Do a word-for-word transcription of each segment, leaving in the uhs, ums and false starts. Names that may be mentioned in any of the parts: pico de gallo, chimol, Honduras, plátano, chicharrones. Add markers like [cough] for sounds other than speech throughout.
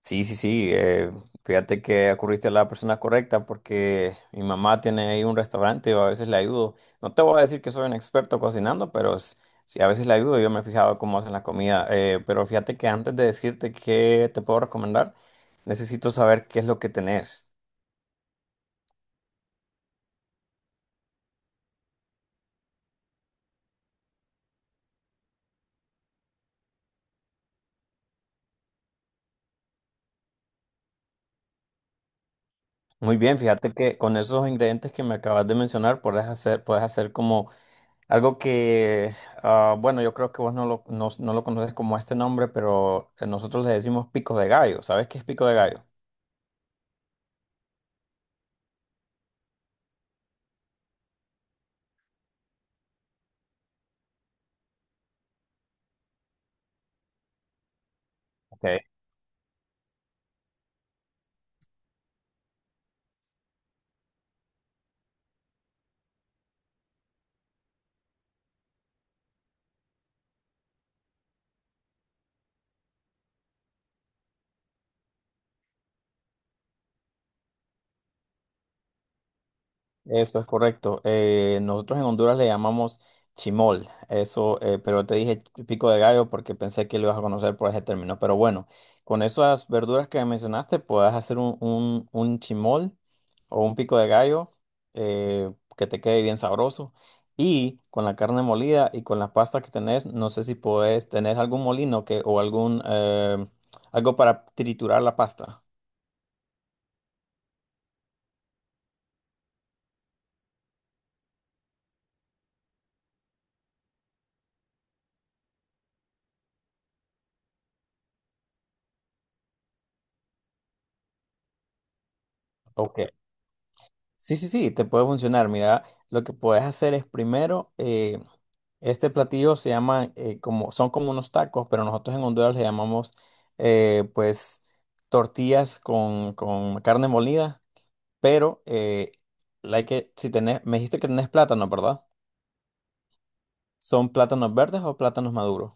Sí, sí, sí. Eh, fíjate que acudiste a la persona correcta porque mi mamá tiene ahí un restaurante y a veces le ayudo. No te voy a decir que soy un experto cocinando, pero s- sí, a veces le ayudo. Yo me he fijado cómo hacen la comida. Eh, pero fíjate que antes de decirte qué te puedo recomendar, necesito saber qué es lo que tenés. Muy bien, fíjate que con esos ingredientes que me acabas de mencionar, puedes hacer, puedes hacer como algo que, ah, bueno, yo creo que vos no lo, no, no lo conoces como este nombre, pero eh, nosotros le decimos pico de gallo. ¿Sabes qué es pico de gallo? Ok. Eso es correcto. Eh, nosotros en Honduras le llamamos chimol, eso, eh, pero te dije pico de gallo porque pensé que lo ibas a conocer por ese término. Pero bueno, con esas verduras que mencionaste, puedes hacer un, un, un chimol o un pico de gallo, eh, que te quede bien sabroso. Y con la carne molida y con las pastas que tenés, no sé si podés tener algún molino que, o algún eh, algo para triturar la pasta. Ok. Sí, sí, sí, te puede funcionar. Mira, lo que puedes hacer es primero, eh, este platillo se llama, eh, como, son como unos tacos, pero nosotros en Honduras le llamamos, eh, pues, tortillas con, con carne molida, pero, eh, la hay que, si tenés, me dijiste que tenés plátano, ¿verdad? ¿Son plátanos verdes o plátanos maduros?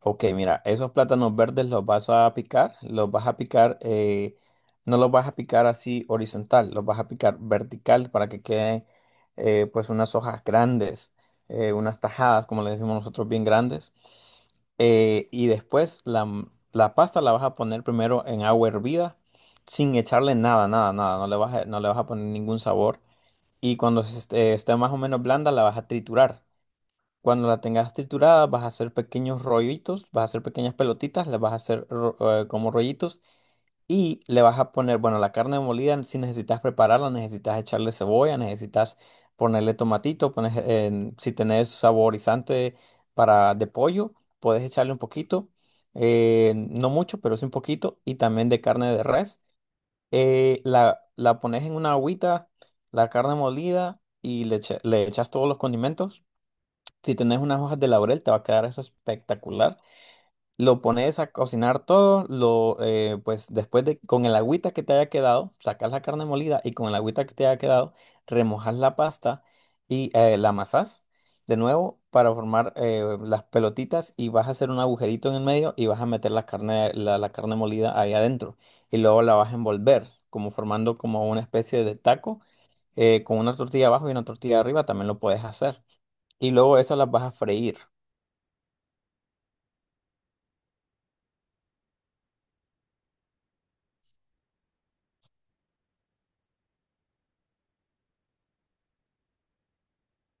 Ok, mira, esos plátanos verdes los vas a picar, los vas a picar, eh, no los vas a picar así horizontal, los vas a picar vertical para que queden, eh, pues, unas hojas grandes, eh, unas tajadas, como le decimos nosotros, bien grandes. Eh, y después la, m- la pasta la vas a poner primero en agua hervida, sin echarle nada, nada, nada, no le vas a, no le vas a poner ningún sabor. Y cuando se esté, esté más o menos blanda, la vas a triturar. Cuando la tengas triturada, vas a hacer pequeños rollitos, vas a hacer pequeñas pelotitas, las vas a hacer ro- eh, como rollitos, y le vas a poner, bueno, la carne molida, si necesitas prepararla, necesitas echarle cebolla, necesitas ponerle tomatito, pones, en- si tenés saborizante para de pollo, puedes echarle un poquito, eh, no mucho, pero sí un poquito, y también de carne de res. Eh, la, la pones en una agüita, la carne molida, y le echa- le echas todos los condimentos. Si tenés unas hojas de laurel, te va a quedar eso espectacular. Lo pones a cocinar todo, lo, eh, pues después de, con el agüita que te haya quedado, sacas la carne molida, y con el agüita que te haya quedado, remojas la pasta y eh, la amasás de nuevo para formar, eh, las pelotitas, y vas a hacer un agujerito en el medio y vas a meter la carne, la, la carne molida ahí adentro. Y luego la vas a envolver, como formando como una especie de taco, eh, con una tortilla abajo y una tortilla arriba, también lo puedes hacer. Y luego eso las vas a freír.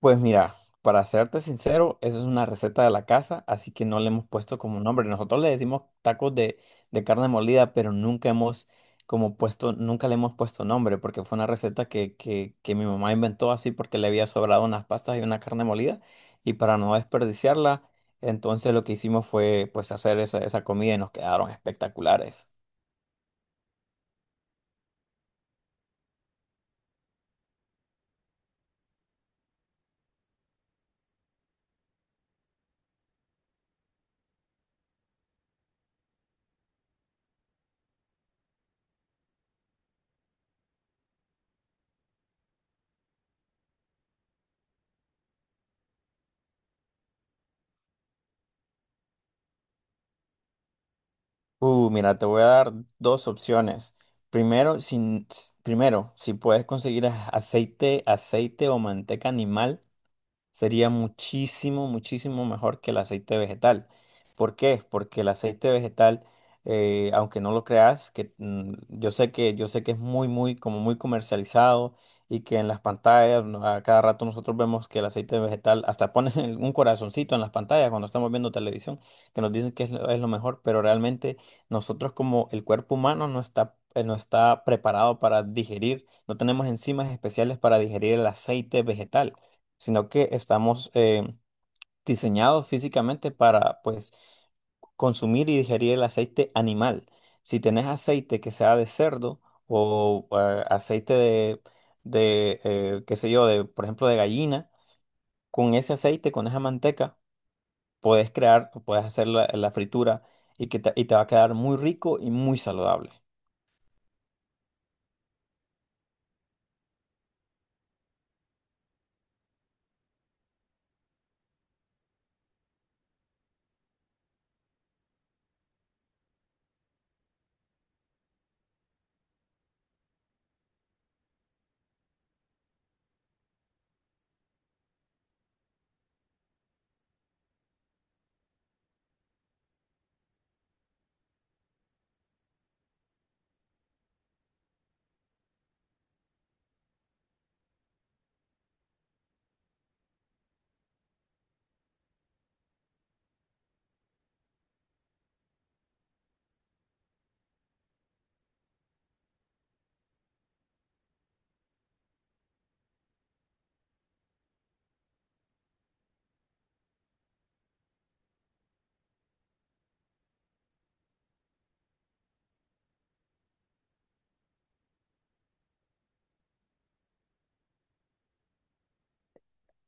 Pues mira, para serte sincero, eso es una receta de la casa, así que no le hemos puesto como nombre. Nosotros le decimos tacos de, de carne molida, pero nunca hemos como puesto, nunca le hemos puesto nombre, porque fue una receta que, que, que mi mamá inventó así porque le había sobrado unas pastas y una carne molida, y para no desperdiciarla, entonces lo que hicimos fue pues hacer esa, esa comida, y nos quedaron espectaculares. Uh, mira, te voy a dar dos opciones. Primero, sin, s- primero, si puedes conseguir a- aceite, aceite o manteca animal, sería muchísimo, muchísimo mejor que el aceite vegetal. ¿Por qué? Porque el aceite vegetal, eh, aunque no lo creas, que mm, yo sé que yo sé que es muy, muy, como muy comercializado, y que en las pantallas no, a cada rato nosotros vemos que el aceite vegetal hasta ponen [laughs] un corazoncito en las pantallas cuando estamos viendo televisión, que nos dicen que es lo, es lo mejor, pero realmente nosotros como el cuerpo humano no está eh, no está preparado para digerir, no tenemos enzimas especiales para digerir el aceite vegetal, sino que estamos, eh, diseñados físicamente para, pues, consumir y digerir el aceite animal. Si tenés aceite que sea de cerdo o eh, aceite de, de eh, qué sé yo, de, por ejemplo, de gallina, con ese aceite, con esa manteca, puedes crear, puedes hacer la, la fritura, y, que te, y te va a quedar muy rico y muy saludable.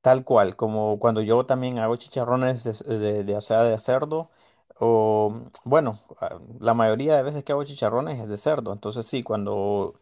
Tal cual, como cuando yo también hago chicharrones de, de, de- o sea, de cerdo, o bueno, a- la mayoría de veces que hago chicharrones es de cerdo, entonces sí, cuando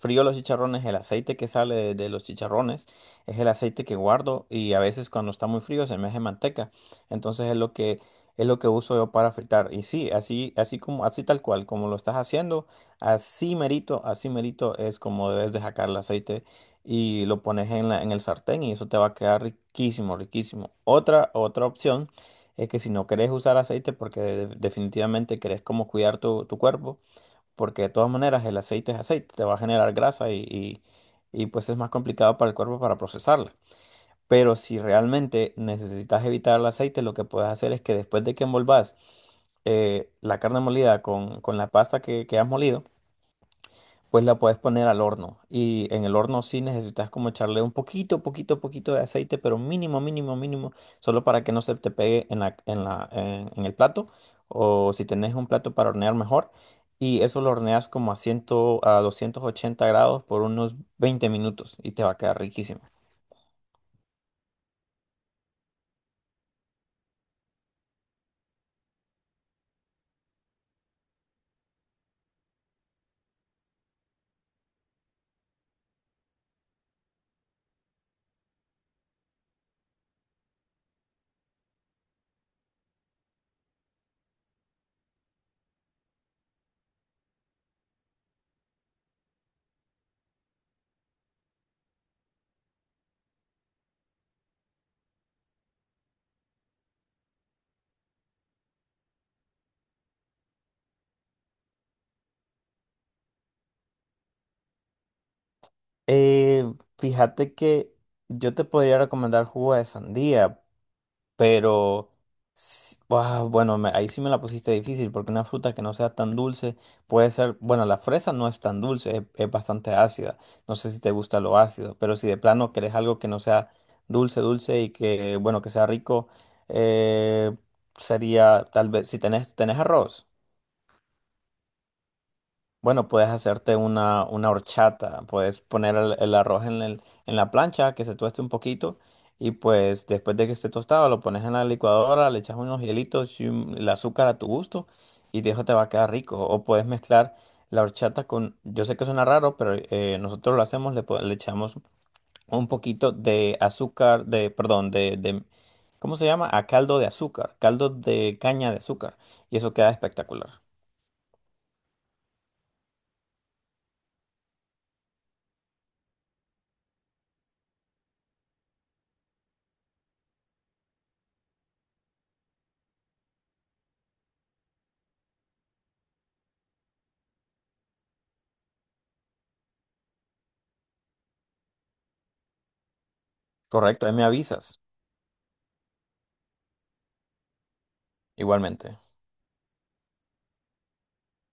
frío los chicharrones, el aceite que sale de, de los chicharrones es el aceite que guardo, y a veces cuando está muy frío se me hace manteca, entonces es lo que, es lo que uso yo para fritar, y sí, así, así como, así tal cual, como lo estás haciendo, así merito, así merito es como debes de sacar el aceite y lo pones en la- en el sartén, y eso te va a quedar riquísimo, riquísimo. Otra, otra opción es que si no querés usar aceite porque de- definitivamente querés como cuidar tu, tu cuerpo, porque de todas maneras el aceite es aceite, te va a generar grasa, y, y, y pues es más complicado para el cuerpo para procesarla. Pero si realmente necesitas evitar el aceite, lo que puedes hacer es que, después de que envolvas eh, la carne molida con, con la pasta que, que has molido, pues la puedes poner al horno. Y en el horno sí necesitas como echarle un poquito, poquito, poquito de aceite, pero mínimo, mínimo, mínimo, solo para que no se te pegue en la, en la, en, en el plato. O si tenés un plato para hornear, mejor. Y eso lo horneas como a cien, a doscientos ochenta grados por unos veinte minutos, y te va a quedar riquísimo. Eh, fíjate que yo te podría recomendar jugo de sandía. Pero, s- ah, bueno, me- ahí sí me la pusiste difícil, porque una fruta que no sea tan dulce puede ser, bueno, la fresa no es tan dulce, es, es bastante ácida. No sé si te gusta lo ácido, pero si de plano querés algo que no sea dulce, dulce, y que, bueno, que sea rico, eh, sería tal vez, si tenés, tenés arroz. Bueno, puedes hacerte una, una horchata, puedes poner el, el arroz en, el- en la plancha, que se tueste un poquito, y pues después de que esté tostado lo pones en la licuadora, le echas unos hielitos y un- el azúcar a tu gusto, y de eso te va a quedar rico. O puedes mezclar la horchata con, yo sé que suena raro, pero eh, nosotros lo hacemos, le, po- le echamos un poquito de azúcar, de, perdón, de, de, ¿cómo se llama? A caldo de azúcar, caldo de caña de azúcar, y eso queda espectacular. Correcto, ahí me avisas, igualmente.